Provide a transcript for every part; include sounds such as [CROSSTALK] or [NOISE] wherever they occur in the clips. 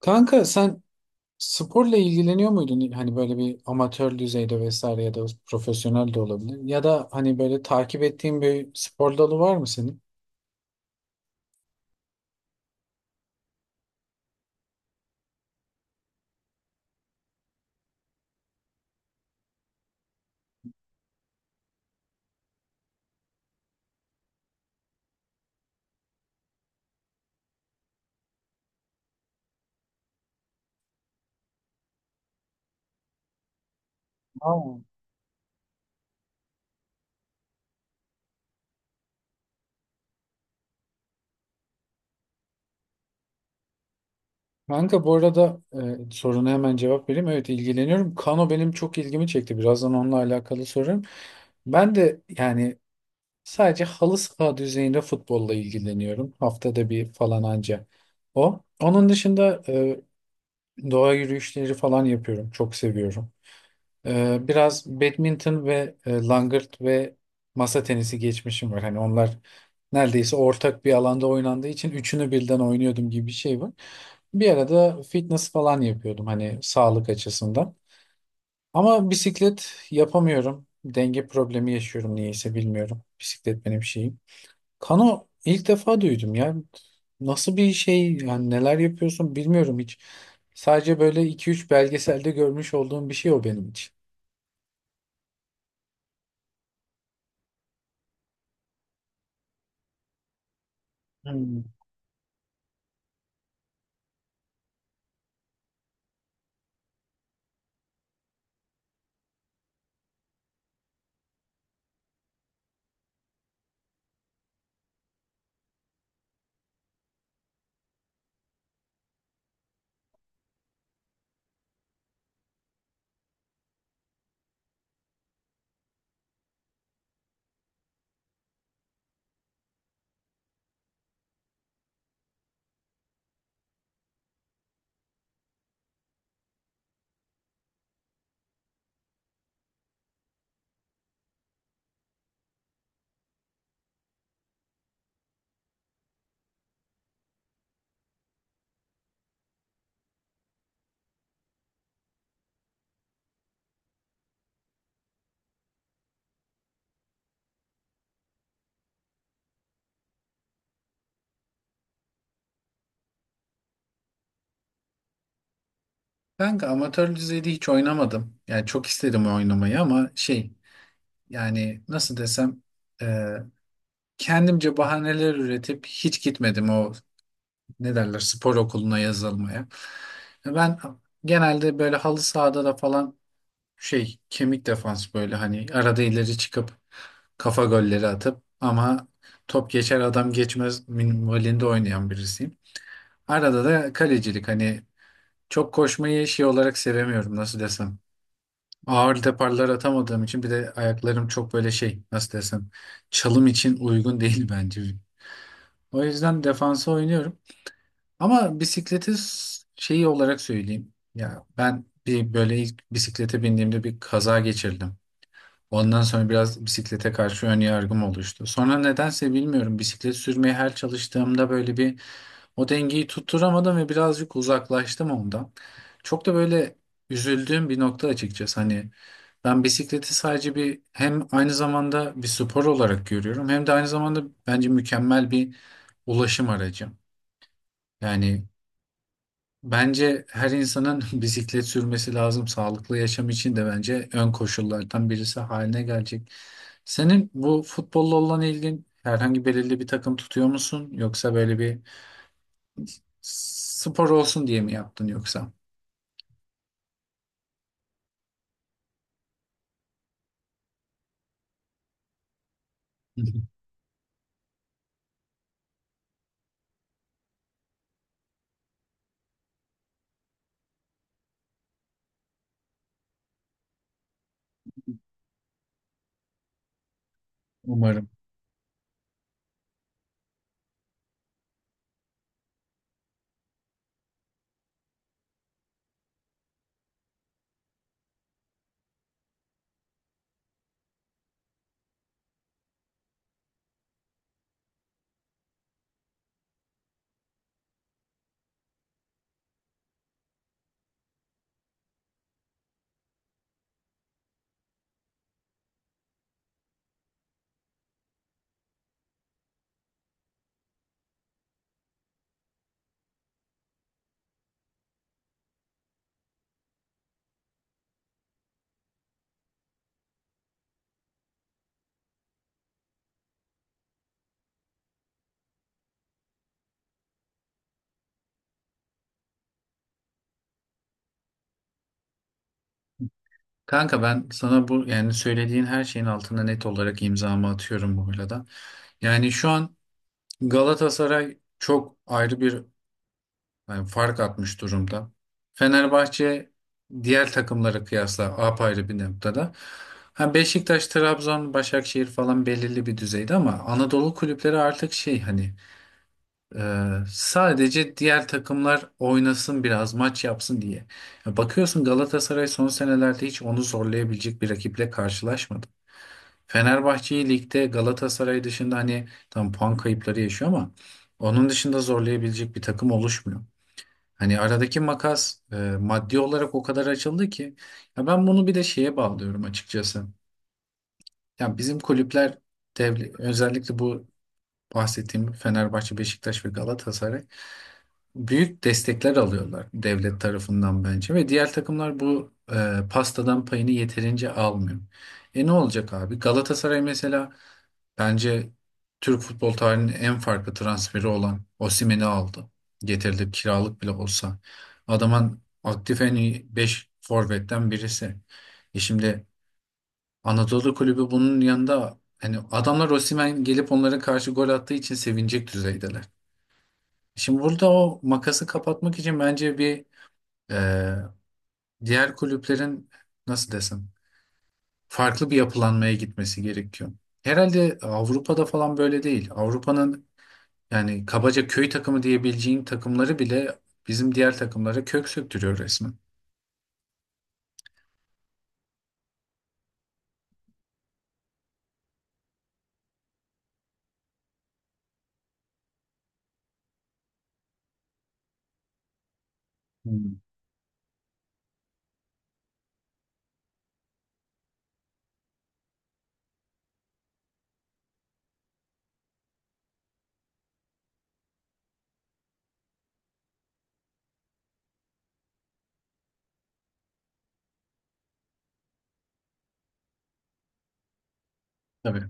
Kanka sen sporla ilgileniyor muydun? Hani böyle bir amatör düzeyde vesaire ya da profesyonel de olabilir. Ya da hani böyle takip ettiğin bir spor dalı var mı senin? Aa. Kanka bu arada soruna hemen cevap vereyim. Evet ilgileniyorum. Kano benim çok ilgimi çekti. Birazdan onunla alakalı sorarım. Ben de yani sadece halı saha düzeyinde futbolla ilgileniyorum. Haftada bir falan anca o. Onun dışında doğa yürüyüşleri falan yapıyorum. Çok seviyorum. Biraz badminton ve langırt ve masa tenisi geçmişim var. Hani onlar neredeyse ortak bir alanda oynandığı için üçünü birden oynuyordum gibi bir şey var. Bir arada fitness falan yapıyordum hani sağlık açısından. Ama bisiklet yapamıyorum. Denge problemi yaşıyorum niyeyse bilmiyorum. Bisiklet benim şeyim. Kano ilk defa duydum ya. Nasıl bir şey yani neler yapıyorsun bilmiyorum hiç. Sadece böyle iki üç belgeselde görmüş olduğum bir şey o benim için. Hmm. Kanka amatör düzeyde hiç oynamadım. Yani çok isterim oynamayı ama şey yani nasıl desem e, kendimce bahaneler üretip hiç gitmedim o ne derler spor okuluna yazılmaya. Ben genelde böyle halı sahada da falan şey kemik defans böyle hani arada ileri çıkıp kafa golleri atıp ama top geçer adam geçmez minvalinde oynayan birisiyim. Arada da kalecilik hani çok koşmayı şey olarak sevemiyorum nasıl desem. Ağır teparlar atamadığım için bir de ayaklarım çok böyle şey nasıl desem çalım için uygun değil [LAUGHS] bence. O yüzden defansa oynuyorum. Ama bisikleti şeyi olarak söyleyeyim. Ya ben bir böyle ilk bisiklete bindiğimde bir kaza geçirdim. Ondan sonra biraz bisiklete karşı ön yargım oluştu. Sonra nedense bilmiyorum bisiklet sürmeye her çalıştığımda böyle bir o dengeyi tutturamadım ve birazcık uzaklaştım ondan. Çok da böyle üzüldüğüm bir nokta açıkçası. Hani ben bisikleti sadece bir hem aynı zamanda bir spor olarak görüyorum hem de aynı zamanda bence mükemmel bir ulaşım aracı. Yani bence her insanın [LAUGHS] bisiklet sürmesi lazım. Sağlıklı yaşam için de bence ön koşullardan birisi haline gelecek. Senin bu futbolla olan ilgin herhangi belirli bir takım tutuyor musun? Yoksa böyle bir spor olsun diye mi yaptın yoksa? [LAUGHS] Hı hı. Umarım. Kanka ben sana bu yani söylediğin her şeyin altına net olarak imzamı atıyorum bu arada. Yani şu an Galatasaray çok ayrı bir, yani fark atmış durumda. Fenerbahçe diğer takımlara kıyasla apayrı bir noktada. Ha Beşiktaş, Trabzon, Başakşehir falan belirli bir düzeyde ama Anadolu kulüpleri artık şey hani e, sadece diğer takımlar oynasın biraz maç yapsın diye. Ya bakıyorsun Galatasaray son senelerde hiç onu zorlayabilecek bir rakiple karşılaşmadı. Fenerbahçe'yi ligde Galatasaray dışında hani tam puan kayıpları yaşıyor ama onun dışında zorlayabilecek bir takım oluşmuyor. Hani aradaki makas maddi olarak o kadar açıldı ki ya ben bunu bir de şeye bağlıyorum açıkçası. Ya bizim kulüpler özellikle bu bahsettiğim Fenerbahçe, Beşiktaş ve Galatasaray büyük destekler alıyorlar devlet tarafından bence ve diğer takımlar bu pastadan payını yeterince almıyor. E ne olacak abi? Galatasaray mesela bence Türk futbol tarihinin en farklı transferi olan Osimhen'i aldı. Getirdi kiralık bile olsa. Adamın aktif en iyi 5 forvetten birisi. E şimdi Anadolu Kulübü bunun yanında hani adamlar Osimhen gelip onlara karşı gol attığı için sevinecek düzeydeler. Şimdi burada o makası kapatmak için bence bir, e, diğer kulüplerin nasıl desem farklı bir yapılanmaya gitmesi gerekiyor. Herhalde Avrupa'da falan böyle değil. Avrupa'nın, yani kabaca köy takımı diyebileceğin takımları bile bizim diğer takımlara kök söktürüyor resmen. Hmm. Tabii.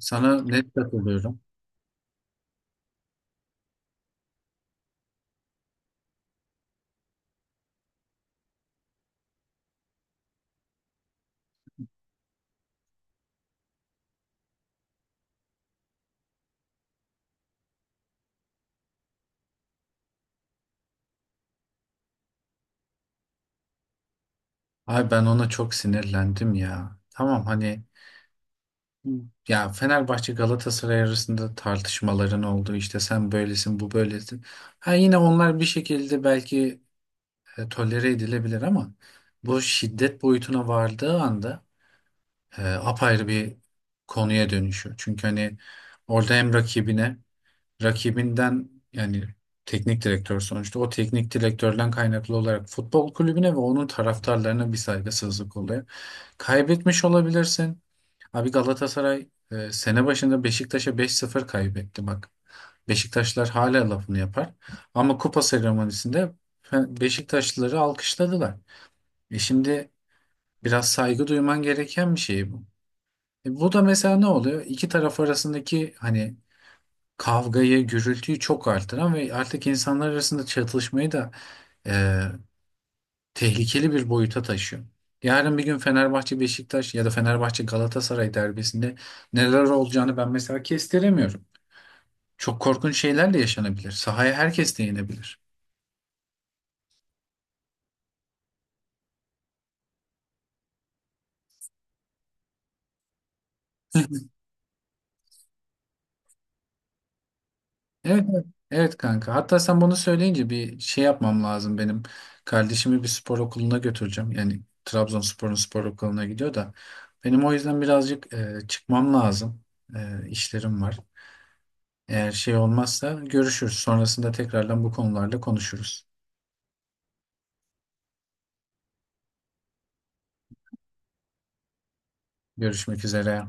Sana net katılıyorum. Ay ben ona çok sinirlendim ya. Tamam hani ya Fenerbahçe Galatasaray arasında tartışmaların olduğu işte sen böylesin bu böylesin. Ha yine onlar bir şekilde belki tolere edilebilir ama bu şiddet boyutuna vardığı anda apayrı bir konuya dönüşüyor. Çünkü hani orada hem rakibine rakibinden yani teknik direktör sonuçta o teknik direktörden kaynaklı olarak futbol kulübüne ve onun taraftarlarına bir saygısızlık oluyor. Kaybetmiş olabilirsin. Abi Galatasaray sene başında Beşiktaş'a 5-0 kaybetti bak. Beşiktaşlar hala lafını yapar. Ama kupa seremonisinde Beşiktaşlıları alkışladılar. E şimdi biraz saygı duyman gereken bir şey bu. E bu da mesela ne oluyor? İki taraf arasındaki hani kavgayı, gürültüyü çok artıran ve artık insanlar arasında çatışmayı da e, tehlikeli bir boyuta taşıyor. Yarın bir gün Fenerbahçe Beşiktaş ya da Fenerbahçe Galatasaray derbisinde neler olacağını ben mesela kestiremiyorum. Çok korkunç şeyler de yaşanabilir. Sahaya herkes de inebilir. Evet, evet, evet kanka. Hatta sen bunu söyleyince bir şey yapmam lazım benim. Kardeşimi bir spor okuluna götüreceğim. Yani Trabzonspor'un spor okuluna gidiyor da. Benim o yüzden birazcık çıkmam lazım. İşlerim var. Eğer şey olmazsa görüşürüz. Sonrasında tekrardan bu konularla konuşuruz. Görüşmek üzere.